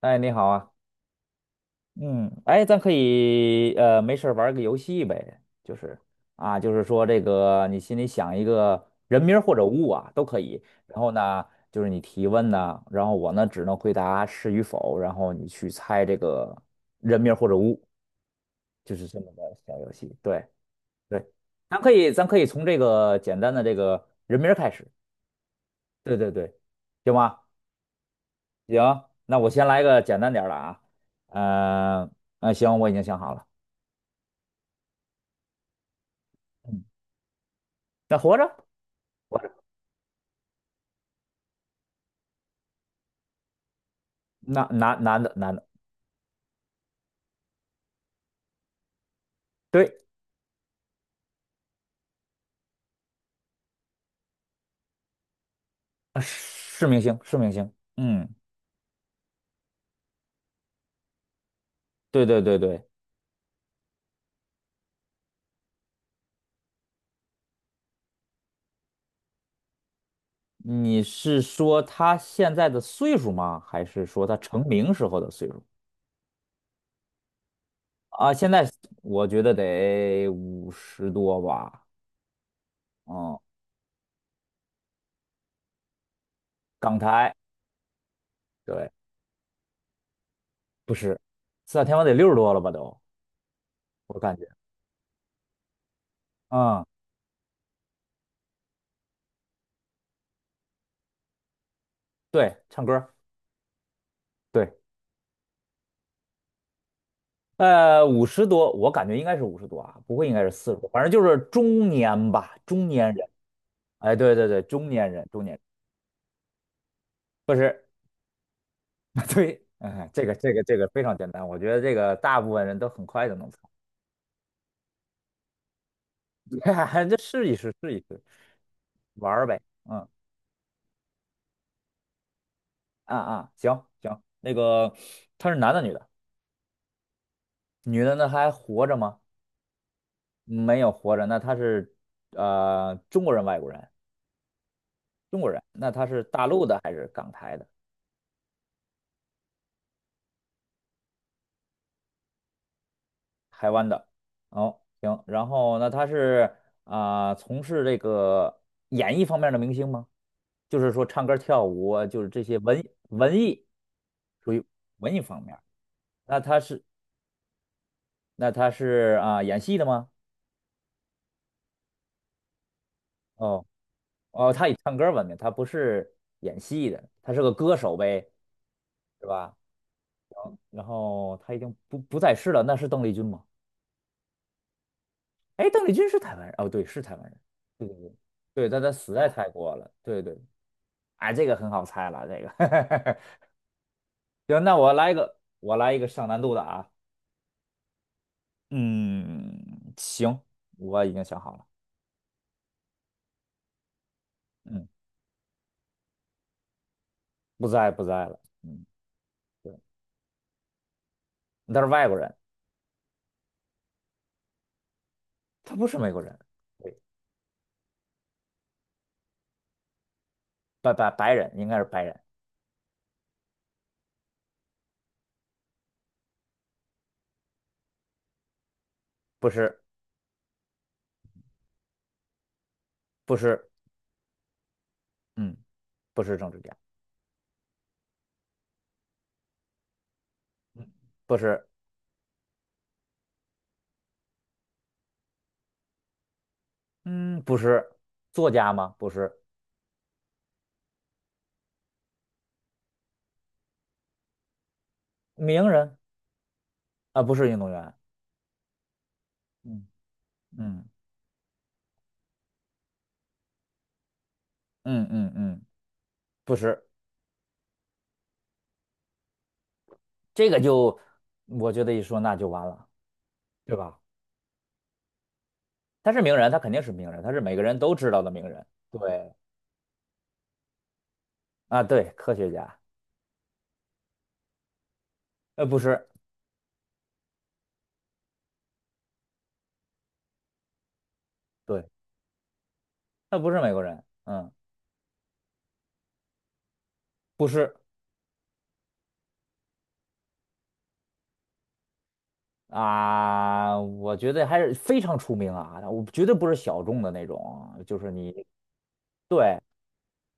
哎，你好啊。嗯，哎，咱可以没事儿玩儿个游戏呗，就是啊，就是说这个你心里想一个人名儿或者物啊都可以，然后呢，就是你提问呢，然后我呢只能回答是与否，然后你去猜这个人名儿或者物，就是这么个小游戏。对对，咱可以从这个简单的这个人名儿开始。对对对，行吗？行，那我先来个简单点儿的啊。嗯、行，我已经想好了。嗯，那活着，活着。那男的，对。是明星，是明星。嗯，对对对对。你是说他现在的岁数吗？还是说他成名时候的岁数？啊，现在我觉得得五十多吧。嗯，港台，对，不是。四大天王得60多了吧都，我感觉。嗯，对，唱歌，对。五十多，我感觉应该是五十多啊，不会应该是40多，反正就是中年吧，中年人。哎，对对对，中年人，中年人。不是。对，嗯，这个非常简单，我觉得这个大部分人都很快就能猜。这试一试，试一试，玩儿呗。嗯，啊啊，行行，那个他是男的女的？女的呢还活着吗？没有活着。那他是中国人、外国人？中国人。那他是大陆的还是港台的？台湾的。哦，行。然后那他是从事这个演艺方面的明星吗？就是说唱歌跳舞啊，就是这些文艺，属于文艺方面。那他是那他是演戏的吗？哦哦，他以唱歌闻名，他不是演戏的，他是个歌手呗，是吧？然后他已经不在世了，那是邓丽君吗？哎，邓丽君是台湾人，哦，对，是台湾人，对对对。对，但他死在泰国了。对对，哎，这个很好猜了，这个。行，那我来一个上难度的啊。嗯，行，我已经想好了。嗯，不在了。嗯，对，他是外国人，他不是美国人。对，白人应该是白人。不是不是。嗯，不是政治家。嗯，不是。嗯，不是作家吗？不是。名人啊，不是运动员。嗯嗯嗯嗯嗯，不是。这个就，我觉得一说那就完了，对吧？他是名人，他肯定是名人，他是每个人都知道的名人。对。啊，对，科学家。不是。对，他不是美国人。嗯，不是。啊，我觉得还是非常出名啊，我绝对不是小众的那种，就是你，对。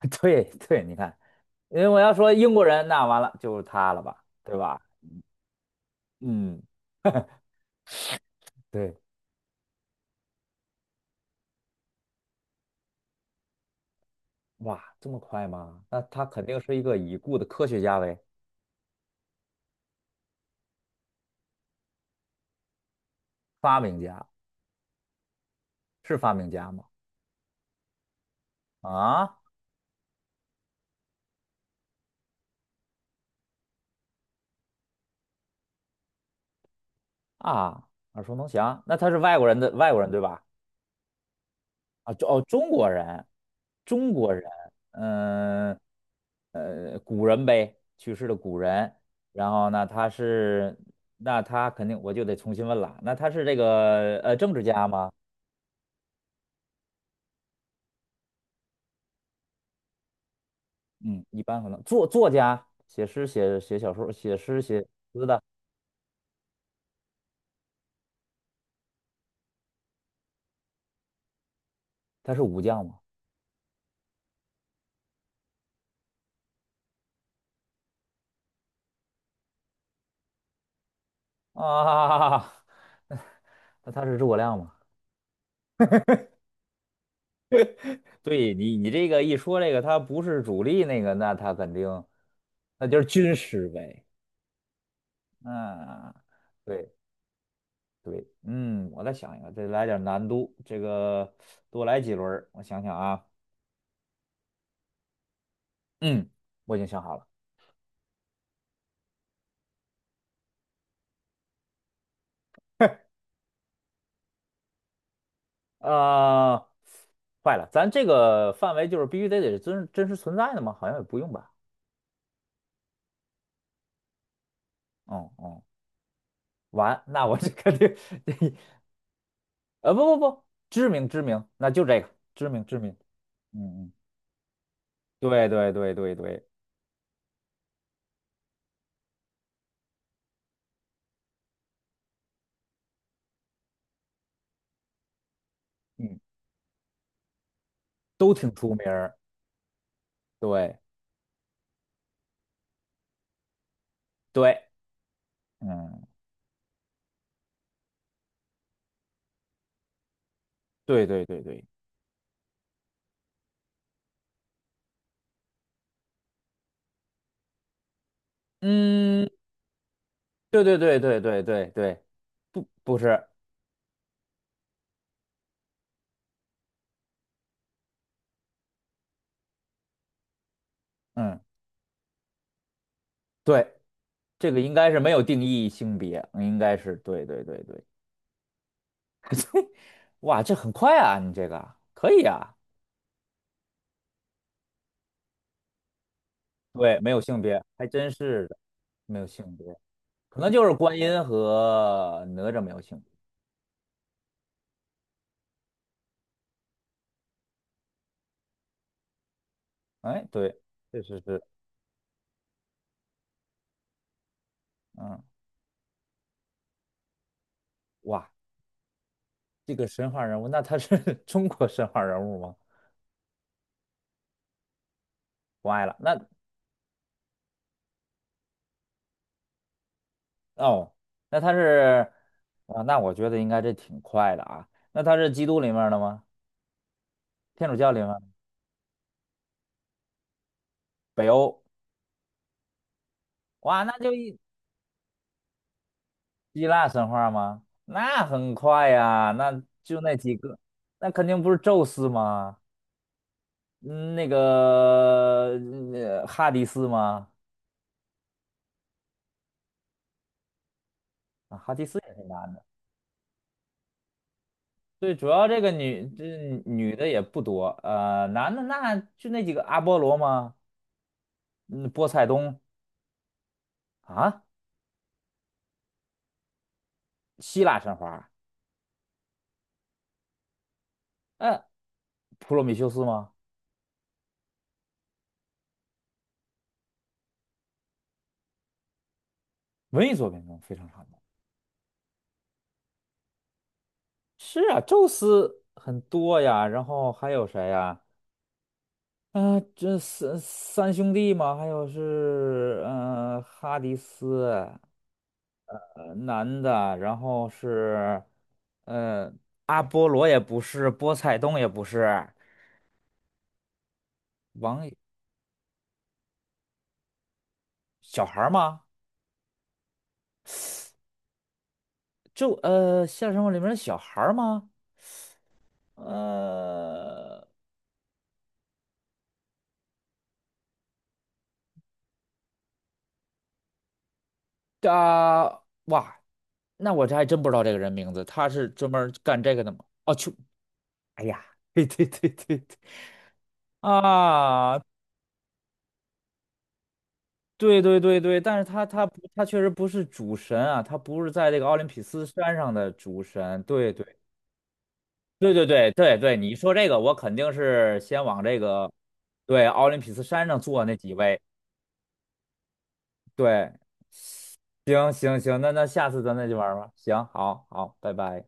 对，对，你看，因为我要说英国人，那完了就是他了吧，对吧？嗯。对。哇，这么快吗？那他肯定是一个已故的科学家呗。发明家，是发明家吗？啊？啊，耳熟能详。那他是外国人的外国人对吧？啊，中国人，中国人。嗯、古人呗，去世的古人。然后呢，那他肯定我就得重新问了。那他是这个政治家吗？嗯，一般可能作家、写诗、写小说、写诗，他是武将吗？啊。那他是诸葛亮吗？对，你这个一说这个，他不是主力那个，那他肯定。那就是军师呗。嗯，对对。嗯，我再想一个，再来点难度，这个多来几轮儿我想想啊。嗯，我已经想好了。啊、坏了，咱这个范围就是必须得是真实存在的吗？好像也不用吧。嗯嗯，完，那我这肯定。不不不，知名知名。那就这个知名知名。嗯嗯，对对对对对。嗯，都挺出名儿。对对。嗯，对对对对。嗯，对对对对对对对。不不是。嗯，对，这个应该是没有定义性别，应该是对对对对。哇，这很快啊，你这个可以啊。对，没有性别，还真是的，没有性别。可能就是观音和哪吒没有性别。哎，对，确实是。嗯。哇，这个神话人物。那他是 中国神话人物吗？不爱了。那哦，那他是啊，那我觉得应该这挺快的啊。那他是基督里面儿的吗？天主教里面儿？北欧？哇，那就希腊神话吗？那很快呀，那就那几个。那肯定不是宙斯吗？嗯，那个哈迪斯吗？啊，哈迪斯也是男的。对，主要这个女这女的也不多。男的那就那几个阿波罗吗？嗯，波塞冬啊，希腊神话。嗯。普罗米修斯吗？文艺作品中非常常见。是啊，宙斯很多呀，然后还有谁呀？这三兄弟嘛，还有是哈迪斯，男的，然后是呃阿波罗也不是，波塞冬也不是。王小孩儿吗？就《现实生活》里面的小孩儿吗？呃。啊，哇，那我这还真不知道这个人名字，他是专门干这个的吗？哦，去，哎呀，对对对对对。啊，对对对对，但是他确实不是主神啊，他不是在这个奥林匹斯山上的主神。对对对对对对对，你说这个，我肯定是先往这个对奥林匹斯山上坐那几位。对，行行行，那下次咱再去玩儿吧，行，好好，拜拜。